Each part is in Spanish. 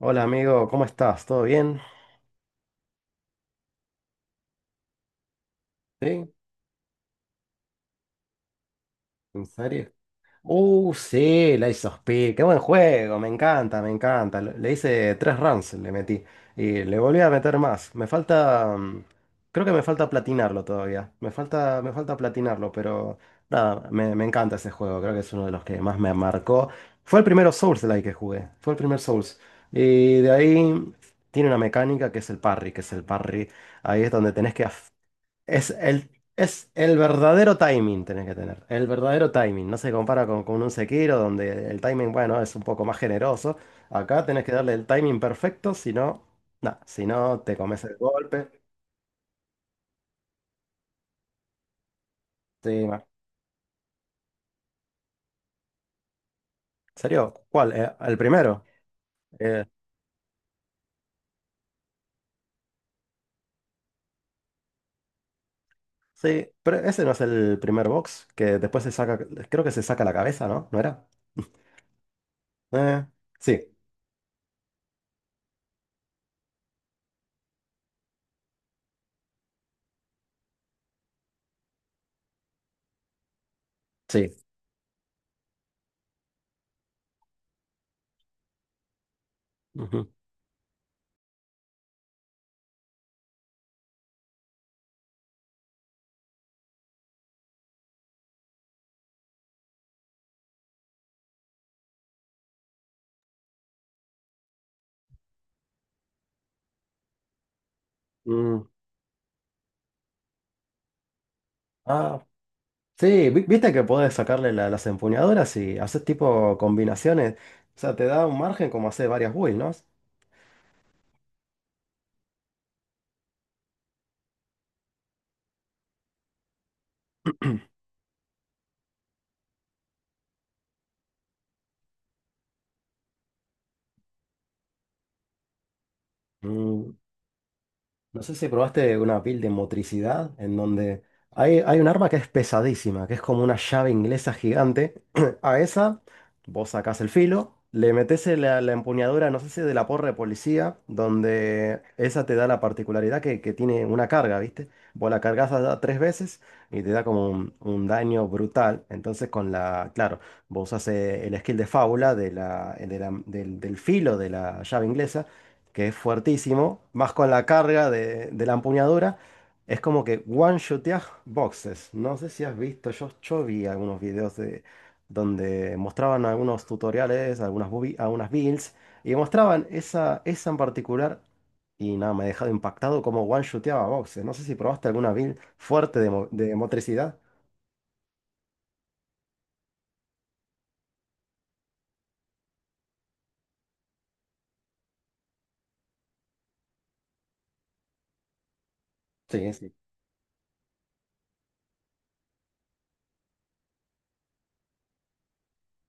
Hola amigo, ¿cómo estás? ¿Todo bien? ¿Sí? ¿En serio? Sí, la of P. Qué buen juego, me encanta, me encanta. Le hice tres runs, le metí. Y le volví a meter más. Me falta. Creo que me falta platinarlo todavía. Me falta platinarlo, pero nada, me encanta ese juego. Creo que es uno de los que más me marcó. Fue el primero Souls-like que jugué. Fue el primer Souls. Y de ahí tiene una mecánica que es el parry, que es el parry. Ahí es donde tenés que Es el, es el verdadero timing tenés que tener. El verdadero timing. No se compara con un Sekiro donde el timing, bueno, es un poco más generoso. Acá tenés que darle el timing perfecto, si no, nah, si no te comes el golpe. Sí, ¿En serio? ¿Cuál? ¿El primero? Eh, sí, pero ese no es el primer box que después se saca, creo que se saca la cabeza, ¿no? ¿No era? Eh, sí, sí. Ujú. Mm, ah, sí, viste que podés sacarle las empuñaduras y haces tipo combinaciones. O sea, te da un margen como hacer varias builds, ¿no? Mm. No sé si probaste una build de motricidad en donde hay un arma que es pesadísima, que es como una llave inglesa gigante. A esa vos sacás el filo, le metés la empuñadura, no sé si de la porra de policía, donde esa te da la particularidad que tiene una carga, ¿viste? Vos la cargas tres veces y te da como un daño brutal. Entonces con la, claro, vos usás el skill de fábula de del filo de la llave inglesa que es fuertísimo, más con la carga de la empuñadura, es como que one-shoteas boxes. No sé si has visto, yo vi algunos videos de, donde mostraban algunos tutoriales, algunas builds, y mostraban esa, esa en particular, y nada, me ha dejado impactado como one-shoteaba boxes. No sé si probaste alguna build fuerte de motricidad. Sí, sí.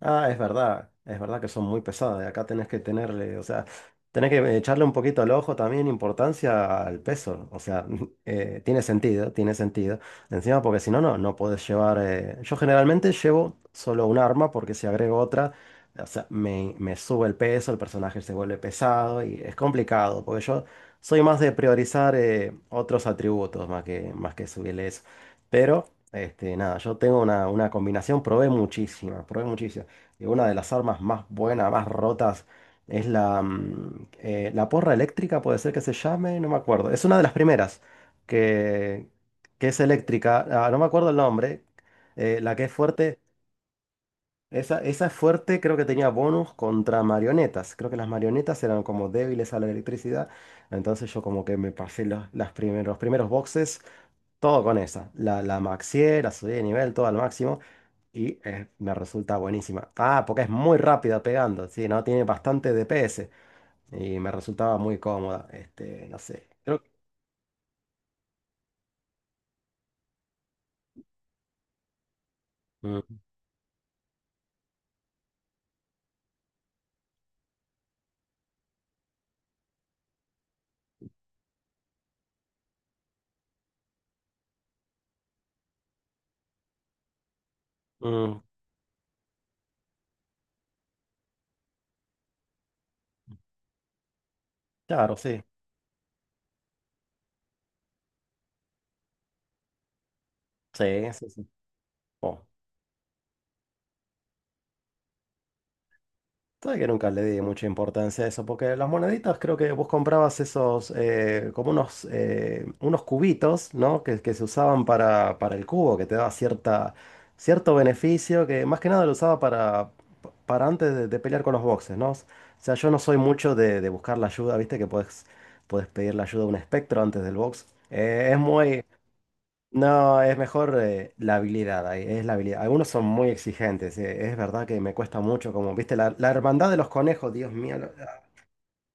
Ah, es verdad que son muy pesadas. Acá tenés que tenerle, o sea, tenés que echarle un poquito al ojo también importancia al peso. O sea, tiene sentido, tiene sentido. Encima, porque si no, no podés llevar. Yo generalmente llevo solo un arma, porque si agrego otra, o sea, me sube el peso, el personaje se vuelve pesado y es complicado, porque yo soy más de priorizar otros atributos más más que subirle eso. Pero, este, nada, yo tengo una combinación, probé muchísimas que una de las armas más buenas, más rotas, es la porra eléctrica, puede ser que se llame, no me acuerdo. Es una de las primeras que, que es eléctrica, ah, no me acuerdo el nombre, la que es fuerte, esa es fuerte, creo que tenía bonus contra marionetas, creo que las marionetas eran como débiles a la electricidad, entonces yo como que me pasé los primeros boxes. Todo con esa. La maxié, la subí de nivel, todo al máximo. Y me resulta buenísima. Ah, porque es muy rápida pegando. Sí, no tiene bastante DPS. Y me resultaba muy cómoda. Este, no sé. Creo que. Mm, mm, claro, sí. Sí, sí, sí. Oh. Sabes que nunca le di mucha importancia a eso, porque las moneditas creo que vos comprabas esos, como unos, unos cubitos, ¿no? Que se usaban para el cubo, que te daba cierta, cierto beneficio, que más que nada lo usaba para, antes de pelear con los boxes, ¿no? O sea, yo no soy mucho de buscar la ayuda, ¿viste? Que puedes pedir la ayuda a un espectro antes del box. No, es mejor la habilidad, ahí, es la habilidad. Algunos son muy exigentes, es verdad que me cuesta mucho, como viste, la hermandad de los conejos, Dios mío.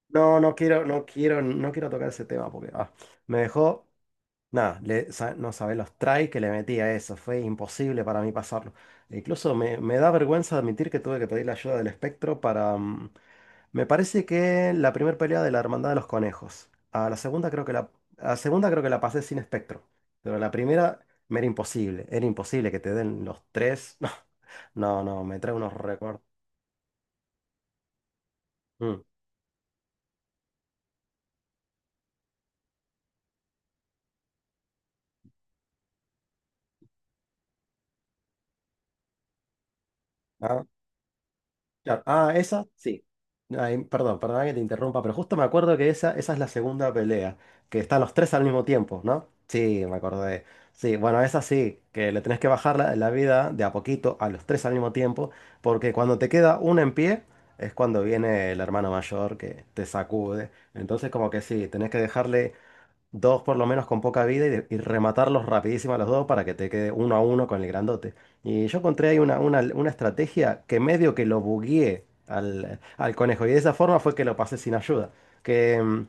No, no quiero, no quiero, no quiero tocar ese tema porque ah, me dejó, nada, no sabés los tries que le metí a eso, fue imposible para mí pasarlo. E incluso me da vergüenza admitir que tuve que pedir la ayuda del espectro para me parece que la primera pelea de la Hermandad de los Conejos. A la segunda creo que la pasé sin espectro. Pero la primera me era imposible. Era imposible que te den los tres. No, no, no, me trae unos récords. Mm. Ah, claro. Ah, esa, sí. Ay, perdón, perdón que te interrumpa, pero justo me acuerdo que esa es la segunda pelea, que están los tres al mismo tiempo, ¿no? Sí, me acordé. Sí, bueno, esa sí, que le tenés que bajar la vida de a poquito a los tres al mismo tiempo, porque cuando te queda uno en pie es cuando viene el hermano mayor que te sacude. Entonces como que sí, tenés que dejarle dos por lo menos con poca vida y rematarlos rapidísimo a los dos para que te quede uno a uno con el grandote. Y yo encontré ahí una estrategia que medio que lo bugueé al conejo y de esa forma fue que lo pasé sin ayuda. Que, mm,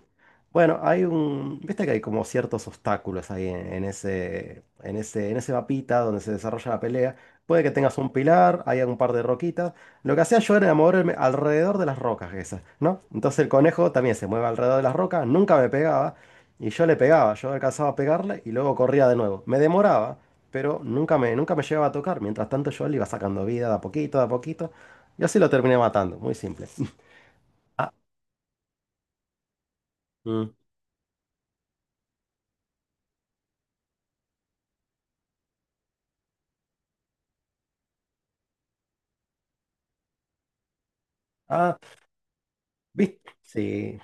bueno, hay un, viste que hay como ciertos obstáculos ahí en ese mapita donde se desarrolla la pelea. Puede que tengas un pilar, hay un par de roquitas. Lo que hacía yo era moverme alrededor de las rocas esas, ¿no? Entonces el conejo también se mueve alrededor de las rocas, nunca me pegaba. Y yo le pegaba, yo alcanzaba a pegarle y luego corría de nuevo. Me demoraba, pero nunca me, nunca me llegaba a tocar. Mientras tanto yo le iba sacando vida de a poquito, de a poquito. Y así lo terminé matando, muy simple. Ah, mm, ah, ¿viste? Sí.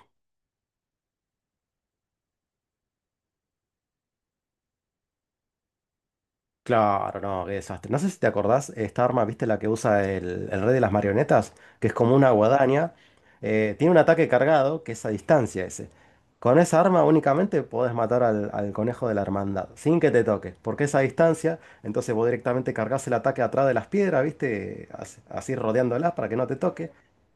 Claro, no, qué desastre. No sé si te acordás, esta arma, ¿viste la que usa el rey de las marionetas? Que es como una guadaña. Tiene un ataque cargado, que es a distancia ese. Con esa arma únicamente podés matar al conejo de la hermandad, sin que te toque, porque es a distancia, entonces vos directamente cargas el ataque atrás de las piedras, ¿viste? Así, así rodeándolas para que no te toque.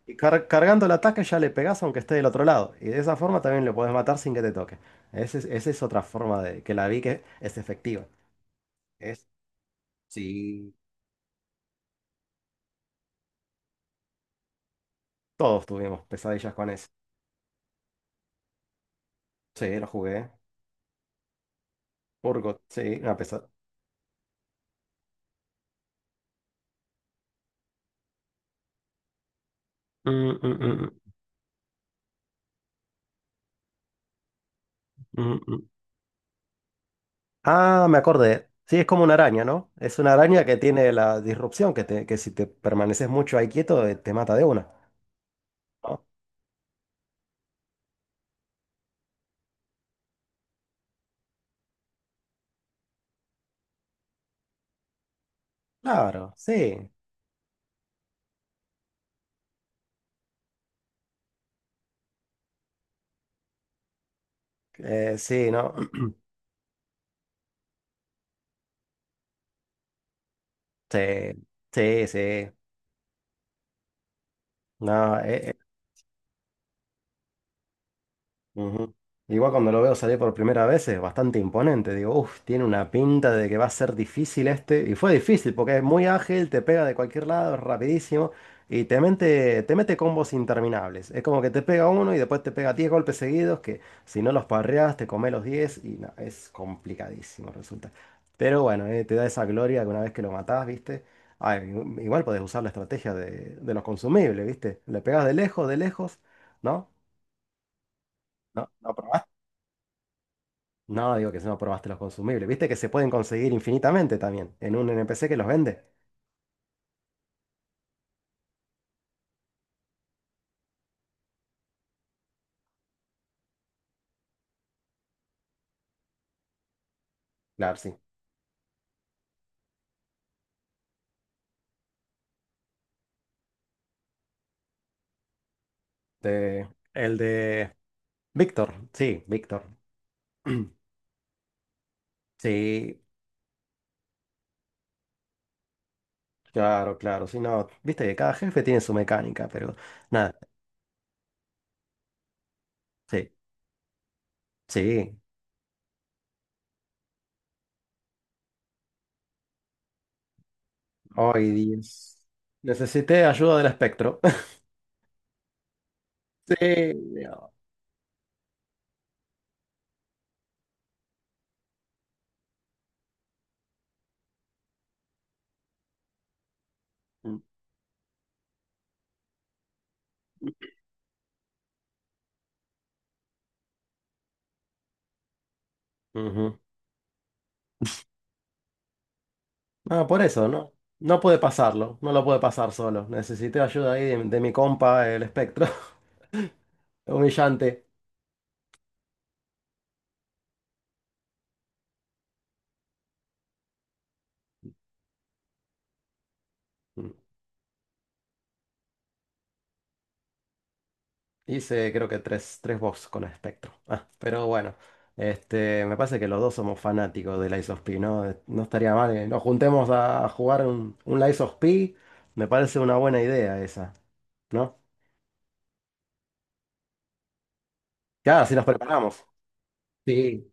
Y cargando el ataque ya le pegás aunque esté del otro lado. Y de esa forma también lo podés matar sin que te toque. Esa es otra forma de que la vi que es efectiva. Sí. Todos tuvimos pesadillas con eso. Sí, lo jugué. Urgot, sí, una pesadilla. Mm, mm, mm, mm, mm. Ah, me acordé. Sí, es como una araña, ¿no? Es una araña que tiene la disrupción, que si te permaneces mucho ahí quieto, te mata de una. ¿No? Claro, sí. Sí, ¿no? Sí, sí, sí. No, ujú. Igual cuando lo veo salir por primera vez es bastante imponente. Digo, uff, tiene una pinta de que va a ser difícil este. Y fue difícil porque es muy ágil, te pega de cualquier lado, es rapidísimo. Y te mete combos interminables. Es como que te pega uno y después te pega 10 golpes seguidos que si no los parreas te come los 10 y no, es complicadísimo resulta. Pero bueno, te da esa gloria que una vez que lo matás, ¿viste? Ay, igual podés usar la estrategia de los consumibles, ¿viste? Le pegas de lejos, ¿no? ¿No? ¿No probaste? No, digo que si no probaste los consumibles. Viste que se pueden conseguir infinitamente también en un NPC que los vende. Claro, sí. De- el de Víctor. Sí, Víctor. Sí, claro, claro. Sí, no. Viste que cada jefe tiene su mecánica, pero nada. Sí, sí. Hoy día. Necesité ayuda del espectro. Sí. No. Ujú. No, por eso, ¿no? No pude pasarlo. No lo pude pasar solo. Necesité ayuda ahí de mi compa, el espectro. Humillante. Hice creo que tres, tres box con Spectrum. Ah, pero bueno, este, me parece que los dos somos fanáticos de Lies of P, ¿no? No estaría mal que nos juntemos a jugar un Lies of P. Me parece una buena idea esa, ¿no? Ya, así nos preparamos. Sí.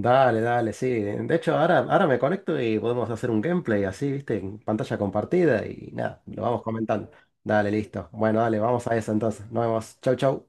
Dale, dale, sí. De hecho, ahora, ahora me conecto y podemos hacer un gameplay así, ¿viste? En pantalla compartida y nada, lo vamos comentando. Dale, listo. Bueno, dale, vamos a eso entonces. Nos vemos. Chau, chau.